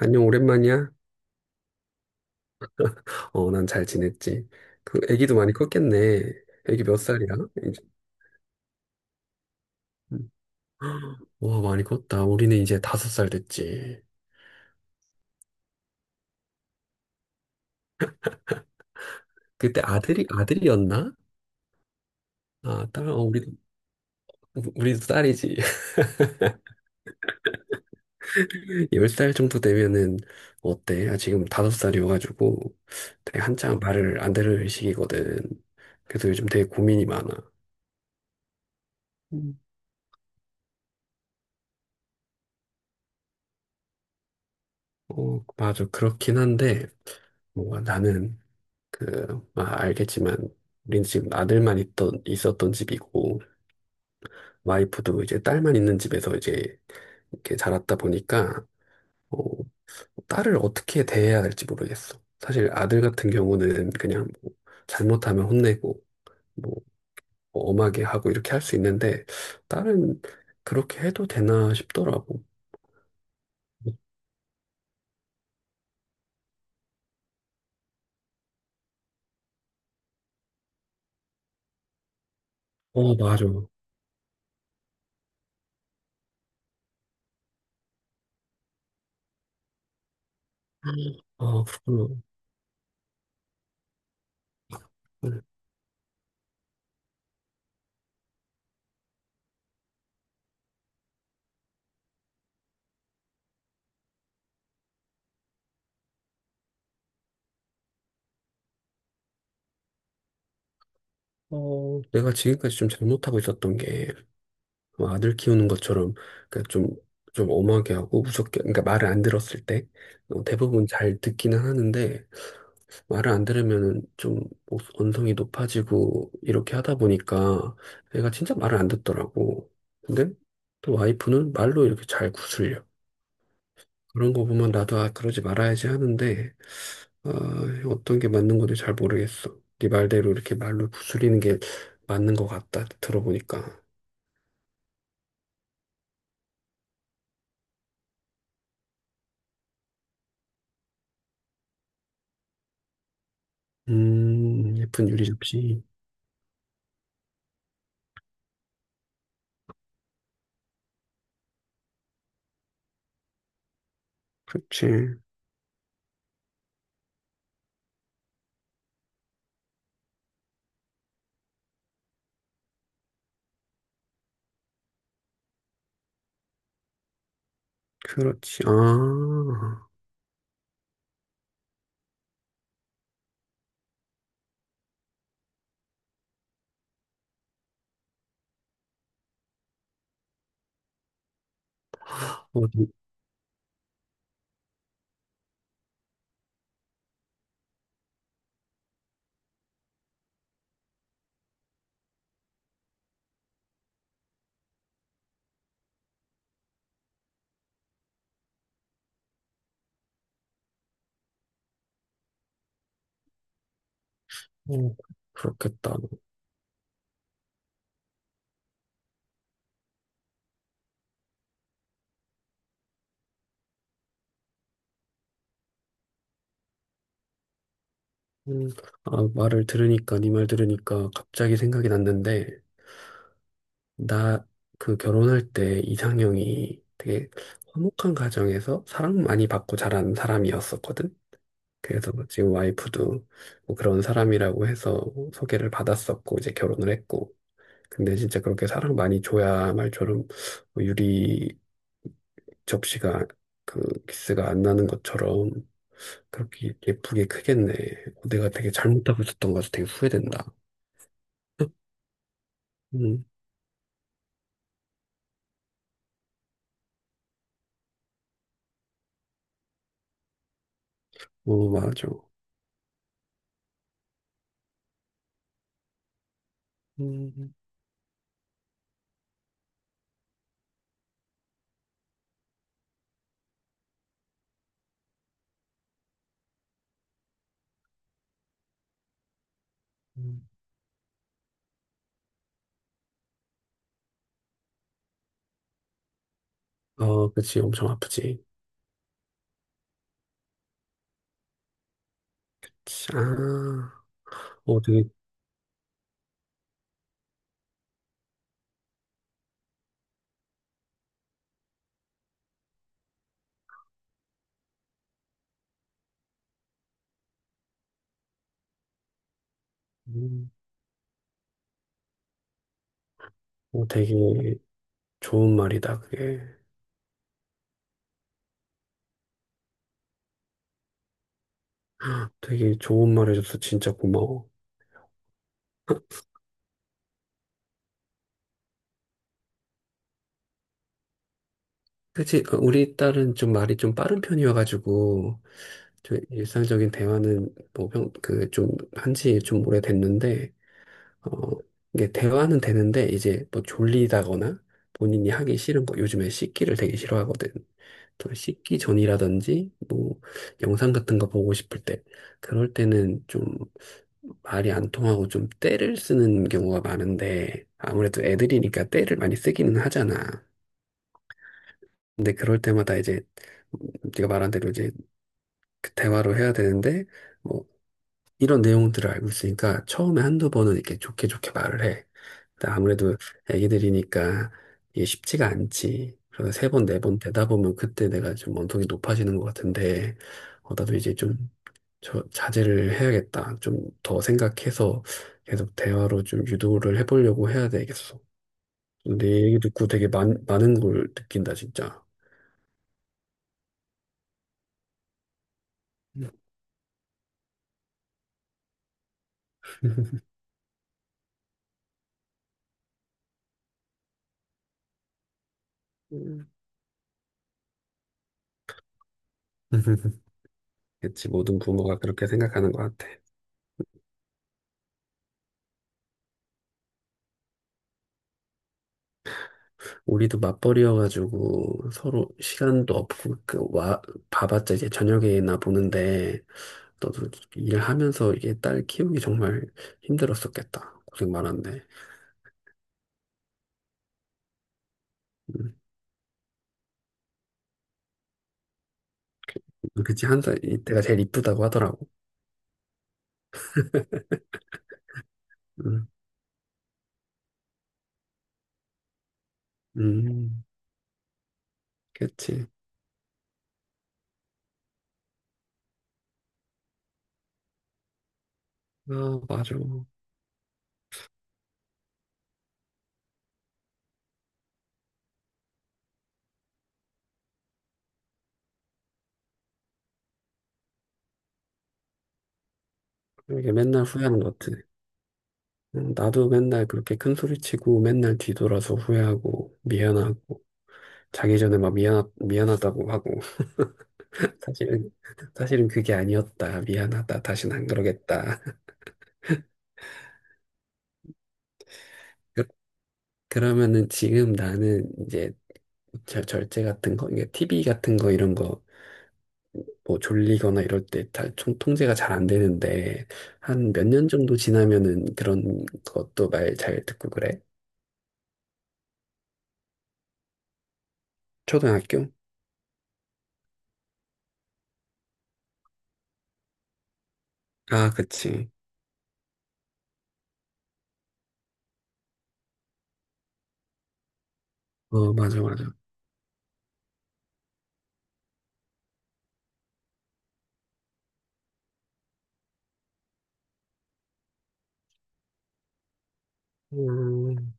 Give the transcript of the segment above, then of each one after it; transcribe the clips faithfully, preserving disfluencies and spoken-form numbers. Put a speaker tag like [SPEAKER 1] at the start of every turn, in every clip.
[SPEAKER 1] 안녕, 오랜만이야? 어, 난 잘 지냈지. 그, 애기도 많이 컸겠네. 애기 몇 살이야? 이제, 음. 와, 많이 컸다. 우리는 이제 다섯 살 됐지. 그때 아들이, 아들이었나? 아, 딸, 어, 우리도, 우리도 딸이지. 열 살 정도 되면은, 어때? 아, 지금 다섯 살이어가지고, 되게 한창 말을 안 들을 시기거든. 그래서 요즘 되게 고민이 많아. 음. 어, 맞아. 그렇긴 한데, 뭔가 나는, 그, 아, 알겠지만, 우리는 지금 아들만 있던, 있었던 집이고, 와이프도 이제 딸만 있는 집에서 이제 이렇게 자랐다 보니까, 어, 딸을 어떻게 대해야 할지 모르겠어. 사실 아들 같은 경우는 그냥 뭐 잘못하면 혼내고, 뭐, 뭐 엄하게 하고 이렇게 할 수 있는데, 딸은 그렇게 해도 되나 싶더라고. 어, 맞아. 아, 그렇구나. 네. 내가 지금까지 좀 잘못하고 있었던 게, 뭐 아들 키우는 것처럼 그러니까 좀, 좀 엄하게 하고 무섭게 그러니까 말을 안 들었을 때 어, 대부분 잘 듣기는 하는데 말을 안 들으면은 좀 목- 언성이 높아지고 이렇게 하다 보니까 애가 진짜 말을 안 듣더라고. 근데 또 와이프는 말로 이렇게 잘 구슬려. 그런 거 보면 나도 아 그러지 말아야지 하는데 아, 어떤 게 맞는 건지 잘 모르겠어. 네 말대로 이렇게 말로 구슬리는 게 맞는 것 같다 들어보니까. 음, 예쁜 유리 접시. 그렇지. 그렇지. 아, 어, 네. 어, 그렇겠다. 음, 아, 말을 들으니까, 네 말 들으니까 갑자기 생각이 났는데, 나 그 결혼할 때 이상형이 되게 화목한 가정에서 사랑 많이 받고 자란 사람이었었거든. 그래서 뭐 지금 와이프도 뭐 그런 사람이라고 해서 소개를 받았었고, 이제 결혼을 했고. 근데 진짜 그렇게 사랑 많이 줘야 말처럼 뭐 유리 접시가 그 기스가 안 나는 것처럼 그렇게 예쁘게 크겠네. 내가 되게 잘못하고 있었던 것 같아서 되게 후회된다. 음, 어, 맞아. 음, 음. 어, 그치, 엄청 아프지. 그치. 아, 어, 되게, 음, 어, 되게 좋은 말이다, 그게. 되게 좋은 말 해줘서 진짜 고마워. 그치, 어, 우리 딸은 좀 말이 좀 빠른 편이어가지고, 좀 일상적인 대화는 뭐, 평, 그, 좀, 한지 좀 오래됐는데, 어, 이게 대화는 되는데 이제 뭐 졸리다거나 본인이 하기 싫은 거 요즘에 씻기를 되게 싫어하거든. 또 씻기 전이라든지 뭐 영상 같은 거 보고 싶을 때 그럴 때는 좀 말이 안 통하고 좀 떼를 쓰는 경우가 많은데 아무래도 애들이니까 떼를 많이 쓰기는 하잖아. 근데 그럴 때마다 이제 음, 네가 말한 대로 이제 그 대화로 해야 되는데 뭐 이런 내용들을 알고 있으니까 처음에 한두 번은 이렇게 좋게 좋게 말을 해. 근데 아무래도 애기들이니까 이게 쉽지가 않지. 그래서 세 번, 네 번 되다 보면 그때 내가 좀 언성이 높아지는 것 같은데, 어, 나도 이제 좀 저, 자제를 해야겠다. 좀 더 생각해서 계속 대화로 좀 유도를 해보려고 해야 되겠어. 내 얘기 듣고 되게 많, 많은 걸 느낀다, 진짜. 음. 그치, 모든 부모가 그렇게 생각하는 것 같아. 우리도 맞벌이여가지고 서로 시간도 없고 그 와 봐봤자 이제 저녁에나 보는데 너도 일하면서 이게 딸 키우기 정말 힘들었었겠다. 고생 많았네. 음, 음, 그치 한 살 이때가 제일 이쁘다고 하더라고. 음, 음, 그치. 아 맞아. 이게 맨날 후회하는 것 같아. 음, 나도 맨날 그렇게 큰 소리 치고 맨날 뒤돌아서 후회하고 미안하고 자기 전에 막 미안 미안하다고 하고. 사실은, 사실은 그게 아니었다. 미안하다. 다신 안 그러겠다. 그, 그러면은 지금 나는 이제 절, 절제 같은 거, 이게 티비 같은 거 이런 거, 뭐 졸리거나 이럴 때 다, 통제가 잘 안 되는데, 한 몇 년 정도 지나면은 그런 것도 말 잘 듣고 그래? 초등학교? 아, 그치. 어, 맞아, 맞아. 음,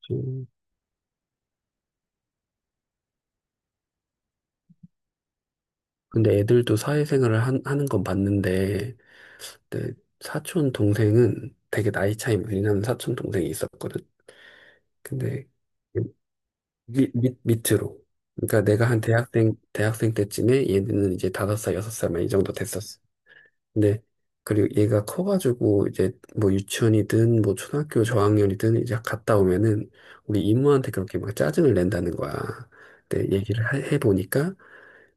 [SPEAKER 1] 좀. 근데 애들도 사회생활을 한- 하는 건 봤는데, 내 사촌 동생은 되게 나이 차이 많이 나는 사촌 동생이 있었거든. 근데 밑, 밑, 밑으로. 그러니까 내가 한 대학생, 대학생 때쯤에 얘는 이제 다섯 살, 여섯 살 막 이 정도 됐었어. 근데 그리고 얘가 커가지고 이제 뭐 유치원이든 뭐 초등학교 저학년이든 이제 갔다 오면은 우리 이모한테 그렇게 막 짜증을 낸다는 거야. 근데 얘기를 하- 해보니까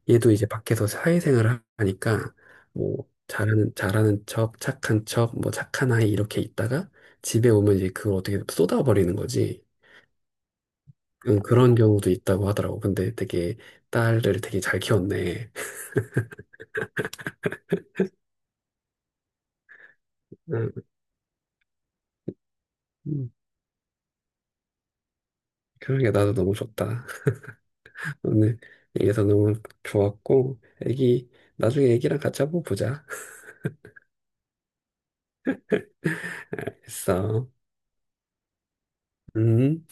[SPEAKER 1] 얘도 이제 밖에서 사회생활을 하니까 뭐 잘하는 잘하는 척, 착한 척, 뭐 착한 아이 이렇게 있다가 집에 오면 이제 그걸 어떻게 쏟아버리는 거지. 응, 그런 경우도 있다고 하더라고. 근데 되게 딸을 되게 잘 키웠네. 응, 음, 그런게 나도 너무 좋다. 오늘 얘기해서 너무 좋았고, 애기 나중에 애기랑 같이 한번 보자. 했어. 음.